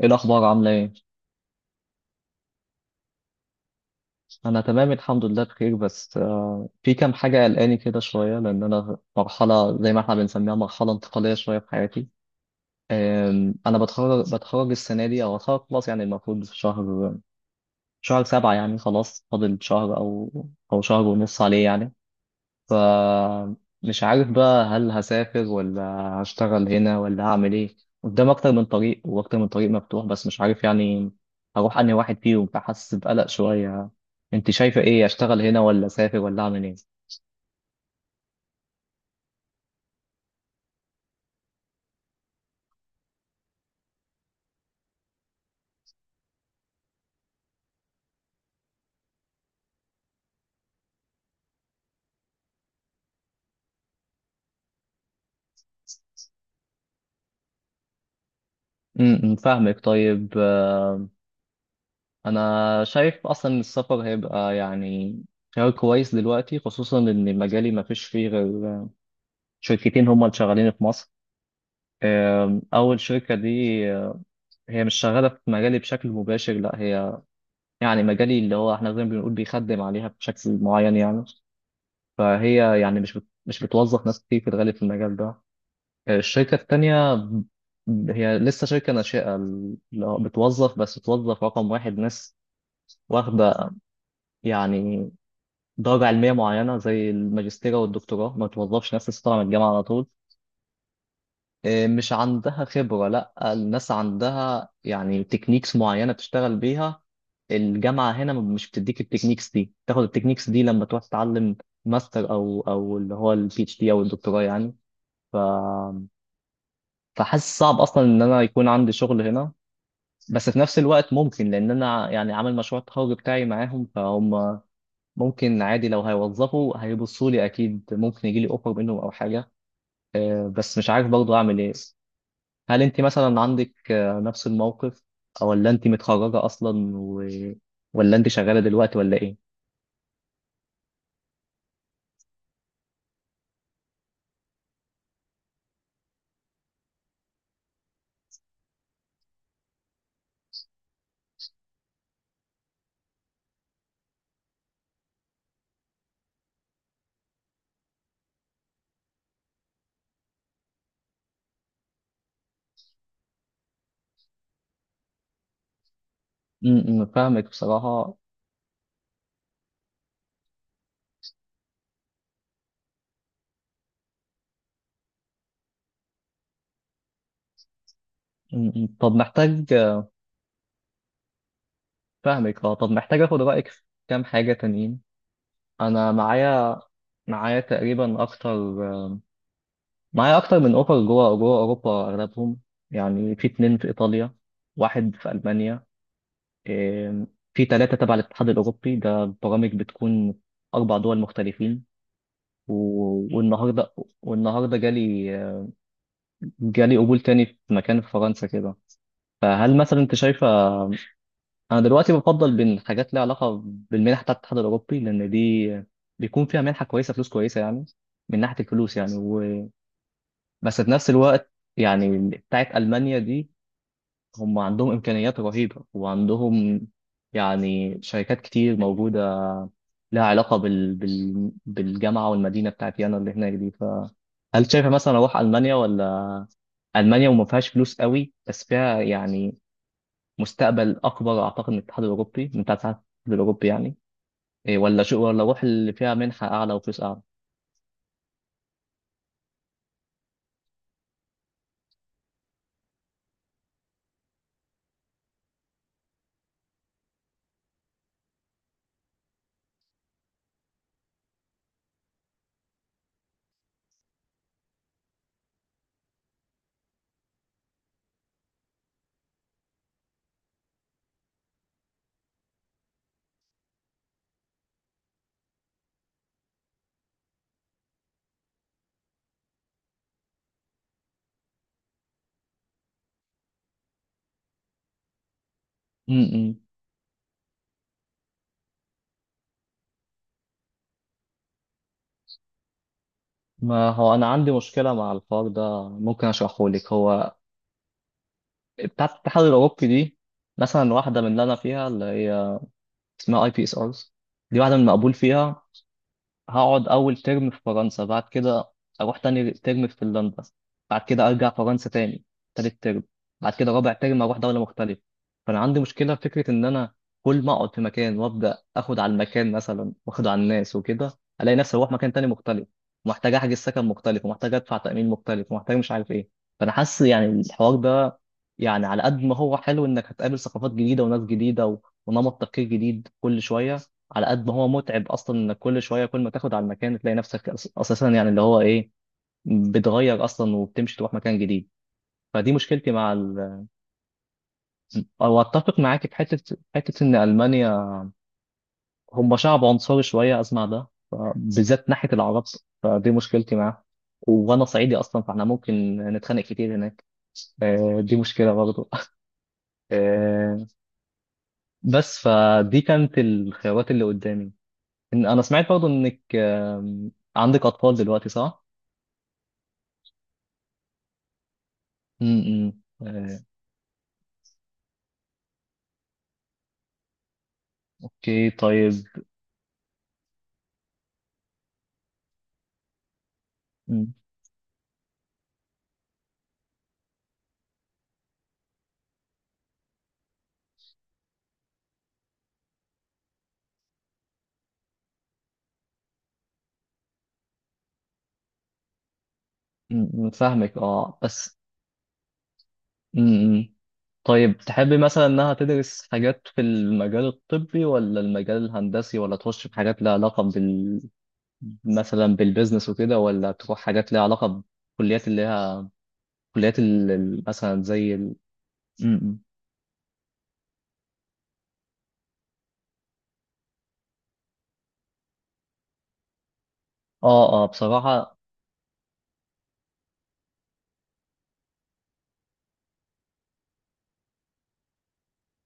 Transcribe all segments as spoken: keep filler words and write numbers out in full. ايه الاخبار؟ عامله ايه؟ انا تمام الحمد لله بخير، بس آه، في كام حاجه قلقاني كده شويه، لان انا في مرحله زي ما احنا بنسميها مرحله انتقاليه شويه في حياتي. آم، انا بتخرج بتخرج السنه دي او هتخرج خلاص، يعني المفروض في شهر شهر سبعة، يعني خلاص فاضل شهر او او شهر ونص عليه يعني. فمش عارف بقى، هل هسافر ولا هشتغل هنا ولا هعمل ايه؟ قدام اكتر من طريق، واكتر من طريق مفتوح بس مش عارف يعني هروح انهي واحد فيهم، فحاسس بقلق شوية. انت شايفة ايه؟ اشتغل هنا ولا اسافر ولا اعمل ايه؟ امم فاهمك، طيب. آه، انا شايف اصلا إن السفر هيبقى يعني خيار كويس دلوقتي، خصوصا ان مجالي ما فيش فيه غير شركتين هم اللي شغالين في مصر. آم، اول شركة دي، آه، هي مش شغالة في مجالي بشكل مباشر، لا هي يعني مجالي اللي هو احنا زي ما بنقول بيخدم عليها بشكل معين يعني. فهي يعني مش بت... مش بتوظف ناس كتير في الغالب في المجال ده. الشركة التانية ب- هي لسه شركة ناشئة، اللي هو بتوظف، بس بتوظف رقم واحد، ناس واخدة يعني درجة علمية معينة زي الماجستير والدكتوراه، ما بتوظفش ناس لسه طالعة من الجامعة على طول. إيه، مش عندها خبرة، لا الناس عندها يعني تكنيكس معينة بتشتغل بيها. الجامعه هنا ما- مش بتديك التكنيكس دي، تاخد التكنيكس دي لما تروح تتعلم ماستر او او اللي هو البي اتش دي او الدكتوراه يعني. ف فحاسس صعب اصلا ان انا يكون عندي شغل هنا، بس في نفس الوقت ممكن، لان انا يعني عامل مشروع التخرج بتاعي معاهم، فهم ممكن عادي لو هيوظفوا هيبصوا لي اكيد، ممكن يجي لي اوفر منهم او حاجه. آه، بس مش عارف برضه اعمل ايه. هل انت مثلا عندك آه، نفس الموقف، ولا انت متخرجه اصلا و... ولا انت شغاله دلوقتي ولا ايه؟ م- م، فاهمك بصراحة. م- م. طب محتاج. فاهمك، اه، طب محتاج اخد رأيك في كام حاجة تانيين. انا معايا معايا تقريبا اكتر، معايا اكتر من اوفر جوه جوه اوروبا، اغلبهم يعني في اتنين في ايطاليا، واحد في المانيا. إيه، في ثلاثة تبع الاتحاد الاوروبي، ده برامج بتكون اربع دول مختلفين. و- والنهارده والنهارده جالي جالي قبول تاني في مكان في فرنسا كده. فهل مثلا انت شايفة، انا دلوقتي بفضل بين حاجات ليها علاقه بالمنح بتاعت الاتحاد الاوروبي، لان دي بيكون فيها منحه كويسه، فلوس كويسه يعني من ناحيه الفلوس يعني و... بس في نفس الوقت يعني بتاعت المانيا دي، هم عندهم امكانيات رهيبه، وعندهم يعني شركات كتير موجوده لها علاقه بال... بال... بالجامعه والمدينه بتاعت يانا اللي هناك دي. فهل شايفه مثلا اروح المانيا، ولا المانيا وما فيهاش فلوس قوي بس فيها يعني مستقبل اكبر اعتقد من الاتحاد الاوروبي، من بتاعت الاتحاد الاوروبي يعني؟ إيه، ولا شو، ولا اروح اللي فيها منحة اعلى وفلوس اعلى؟ امم ما هو انا عندي مشكله مع الحوار ده، ممكن اشرحه لك. هو بتاعه الاتحاد الاوروبي دي، مثلا واحده من اللي انا فيها اللي هي اسمها اي بي اس ارز، دي واحده من المقبول فيها. هقعد أول ترم في فرنسا، بعد كده أروح تاني ترم في فنلندا، بعد كده أرجع فرنسا تاني تالت ترم، بعد كده رابع ترم أروح دولة مختلفة. فأنا عندي مشكلة في فكرة إن أنا كل ما أقعد في مكان وأبدأ آخد على المكان مثلا وآخد على الناس وكده، ألاقي نفسي أروح مكان تاني مختلف، ومحتاج أحجز سكن مختلف، ومحتاج أدفع تأمين مختلف، ومحتاج مش عارف إيه. فأنا حاسس يعني الحوار ده، يعني على قد ما هو حلو إنك هتقابل ثقافات جديدة وناس جديدة و- ونمط تفكير جديد كل شوية، على قد ما هو متعب اصلا انك كل شويه كل ما تاخد على المكان تلاقي نفسك أس- اساسا يعني اللي هو ايه، بتغير اصلا وبتمشي تروح مكان جديد. فدي مشكلتي مع ال... او اتفق معاك في حته حته ان المانيا هم شعب عنصري شويه اسمع ده، ف- بالذات ناحيه العرب. فدي مشكلتي معاه، وانا صعيدي اصلا فاحنا ممكن نتخانق كتير هناك. آه، دي مشكله برضه. آه، بس فدي كانت الخيارات اللي قدامي. إن- انا سمعت برضه انك، آم، عندك اطفال دلوقتي صح؟ امم. آه، اوكي طيب. م- م- فاهمك، اه، بس. امم. طيب، تحبي مثلا انها تدرس حاجات في المجال الطبي ولا المجال الهندسي، ولا تخش في حاجات لها علاقة بال، مثلا بالبيزنس وكده، ولا تروح حاجات لها علاقة بكليات اللي هي كليات ال... ال- مثلا زي ال... م- م. اه، اه، بصراحة.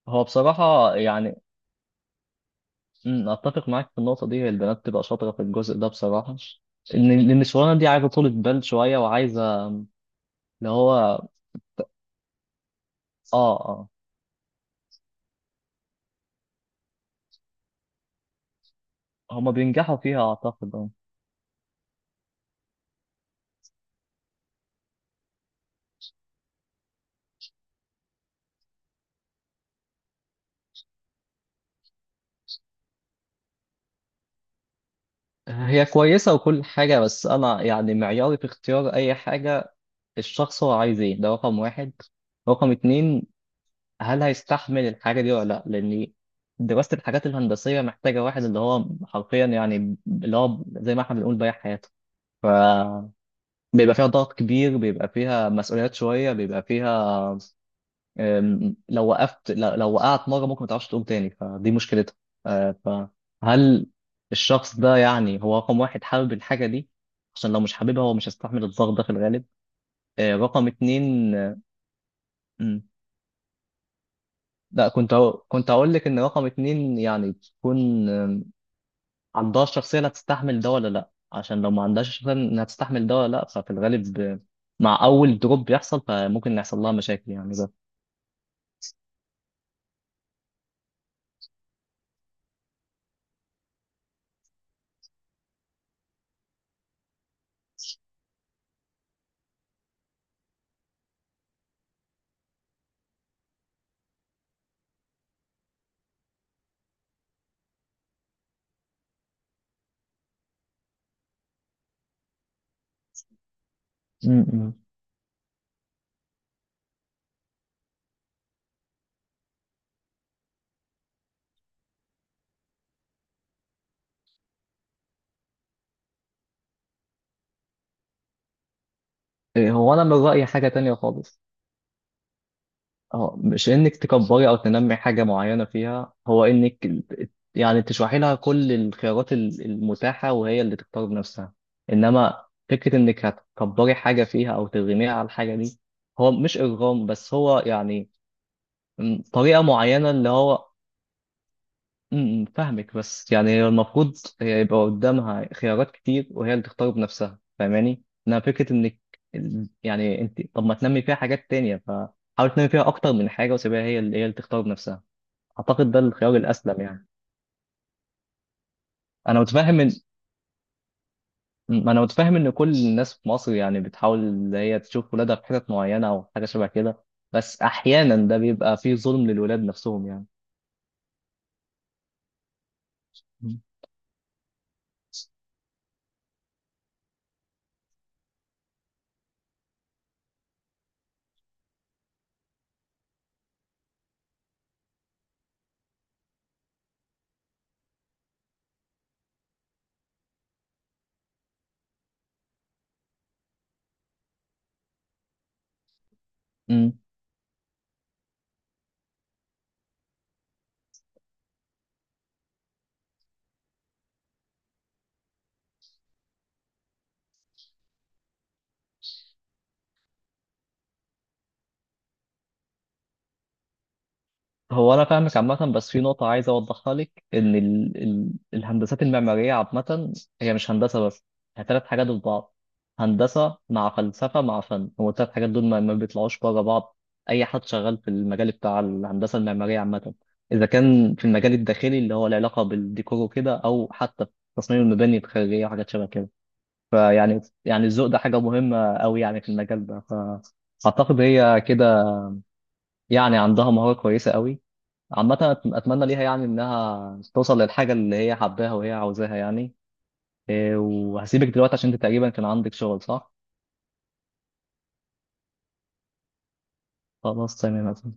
هو بصراحة يعني، م، اتفق معاك في النقطة دي. هي البنات تبقى شاطرة في الجزء ده بصراحة، ان إن الشغلانة دي عايزة طولة بال شوية، وعايزة اللي هو اه، اه. هما بينجحوا فيها اعتقد، اه. هي كويسة وكل حاجة، بس أنا يعني معياري في اختيار أي حاجة، الشخص هو عايز إيه؟ ده رقم واحد. رقم اتنين، هل هيستحمل الحاجة دي ولا لأ؟ لأن دراسة الحاجات الهندسية محتاجة واحد اللي هو حرفيا يعني اللي هو زي ما احنا بنقول بايع حياته. فبيبقى فيها ضغط كبير، بيبقى فيها مسؤوليات شوية، بيبقى فيها أم، لو وقفت، لو لو وقعت مره ممكن ما تعرفش تقوم تاني، فدي مشكلتها. أه، فهل الشخص ده يعني هو رقم واحد حابب الحاجه دي؟ عشان لو مش حاببها هو مش هيستحمل الضغط ده في الغالب. أه، رقم اتنين. أه، مم. لا، كنت هقو- كنت هقول لك ان رقم اتنين يعني تكون، أم، عندها الشخصيه اللي هتستحمل ده ولا لا. عشان لو ما عندهاش الشخصيه انها تستحمل ده ولا لا، ففي الغالب، أه، مع اول دروب بيحصل فممكن يحصل لها مشاكل يعني ده. مم. إيه، هو انا من رايي حاجه تانية خالص، اه، مش انك تكبري او تنمي حاجه معينه فيها، هو انك يعني تشرحي لها كل الخيارات ال- المتاحه، وهي اللي تختار بنفسها. انما فكره انك هتكبري حاجه فيها او ترغميها على الحاجه دي، هو مش ارغام بس هو يعني، م، طريقه معينه اللي هو. امم فاهمك، بس يعني هي المفروض، هي يبقى قدامها خيارات كتير وهي اللي تختار بنفسها، فاهماني؟ انها فكره انك ال- يعني انت، طب ما تنمي فيها حاجات تانية، فحاول تنمي فيها اكتر من حاجه وسيبها هي اللي هي اللي تختار بنفسها، اعتقد ده الخيار الاسلم يعني. انا متفاهم ان ما انا متفاهم ان كل الناس في مصر يعني بتحاول ان هي تشوف ولادها في حتت معينه او حاجه شبه كده، بس احيانا ده بيبقى فيه ظلم للولاد نفسهم يعني. امم. هو انا فاهمك عامه، بس في نقطه عايز اوضحها لك، ان ال... ال... الهندسات المعماريه عامه هي مش هندسه بس، هي ثلاث حاجات في بعض: هندسه مع فلسفه مع فن. هو الثلاث حاجات دول ما, ما بيطلعوش بره بعض. اي حد شغال في المجال بتاع الهندسه المعماريه عامه، اذا كان في المجال الداخلي اللي هو العلاقه بالديكور وكده، او حتى في تصميم المباني الخارجيه وحاجات شبه كده، فيعني يعني الذوق ده حاجه مهمه قوي يعني في المجال ده. فاعتقد هي كده يعني عندها مهاره كويسه قوي. عامة، أت- أتمنى ليها يعني إنها توصل للحاجة اللي هي حباها وهي عاوزاها يعني. وهسيبك دلوقتي عشان أنت تقريبا كان عندك شغل، صح؟ خلاص، تمام.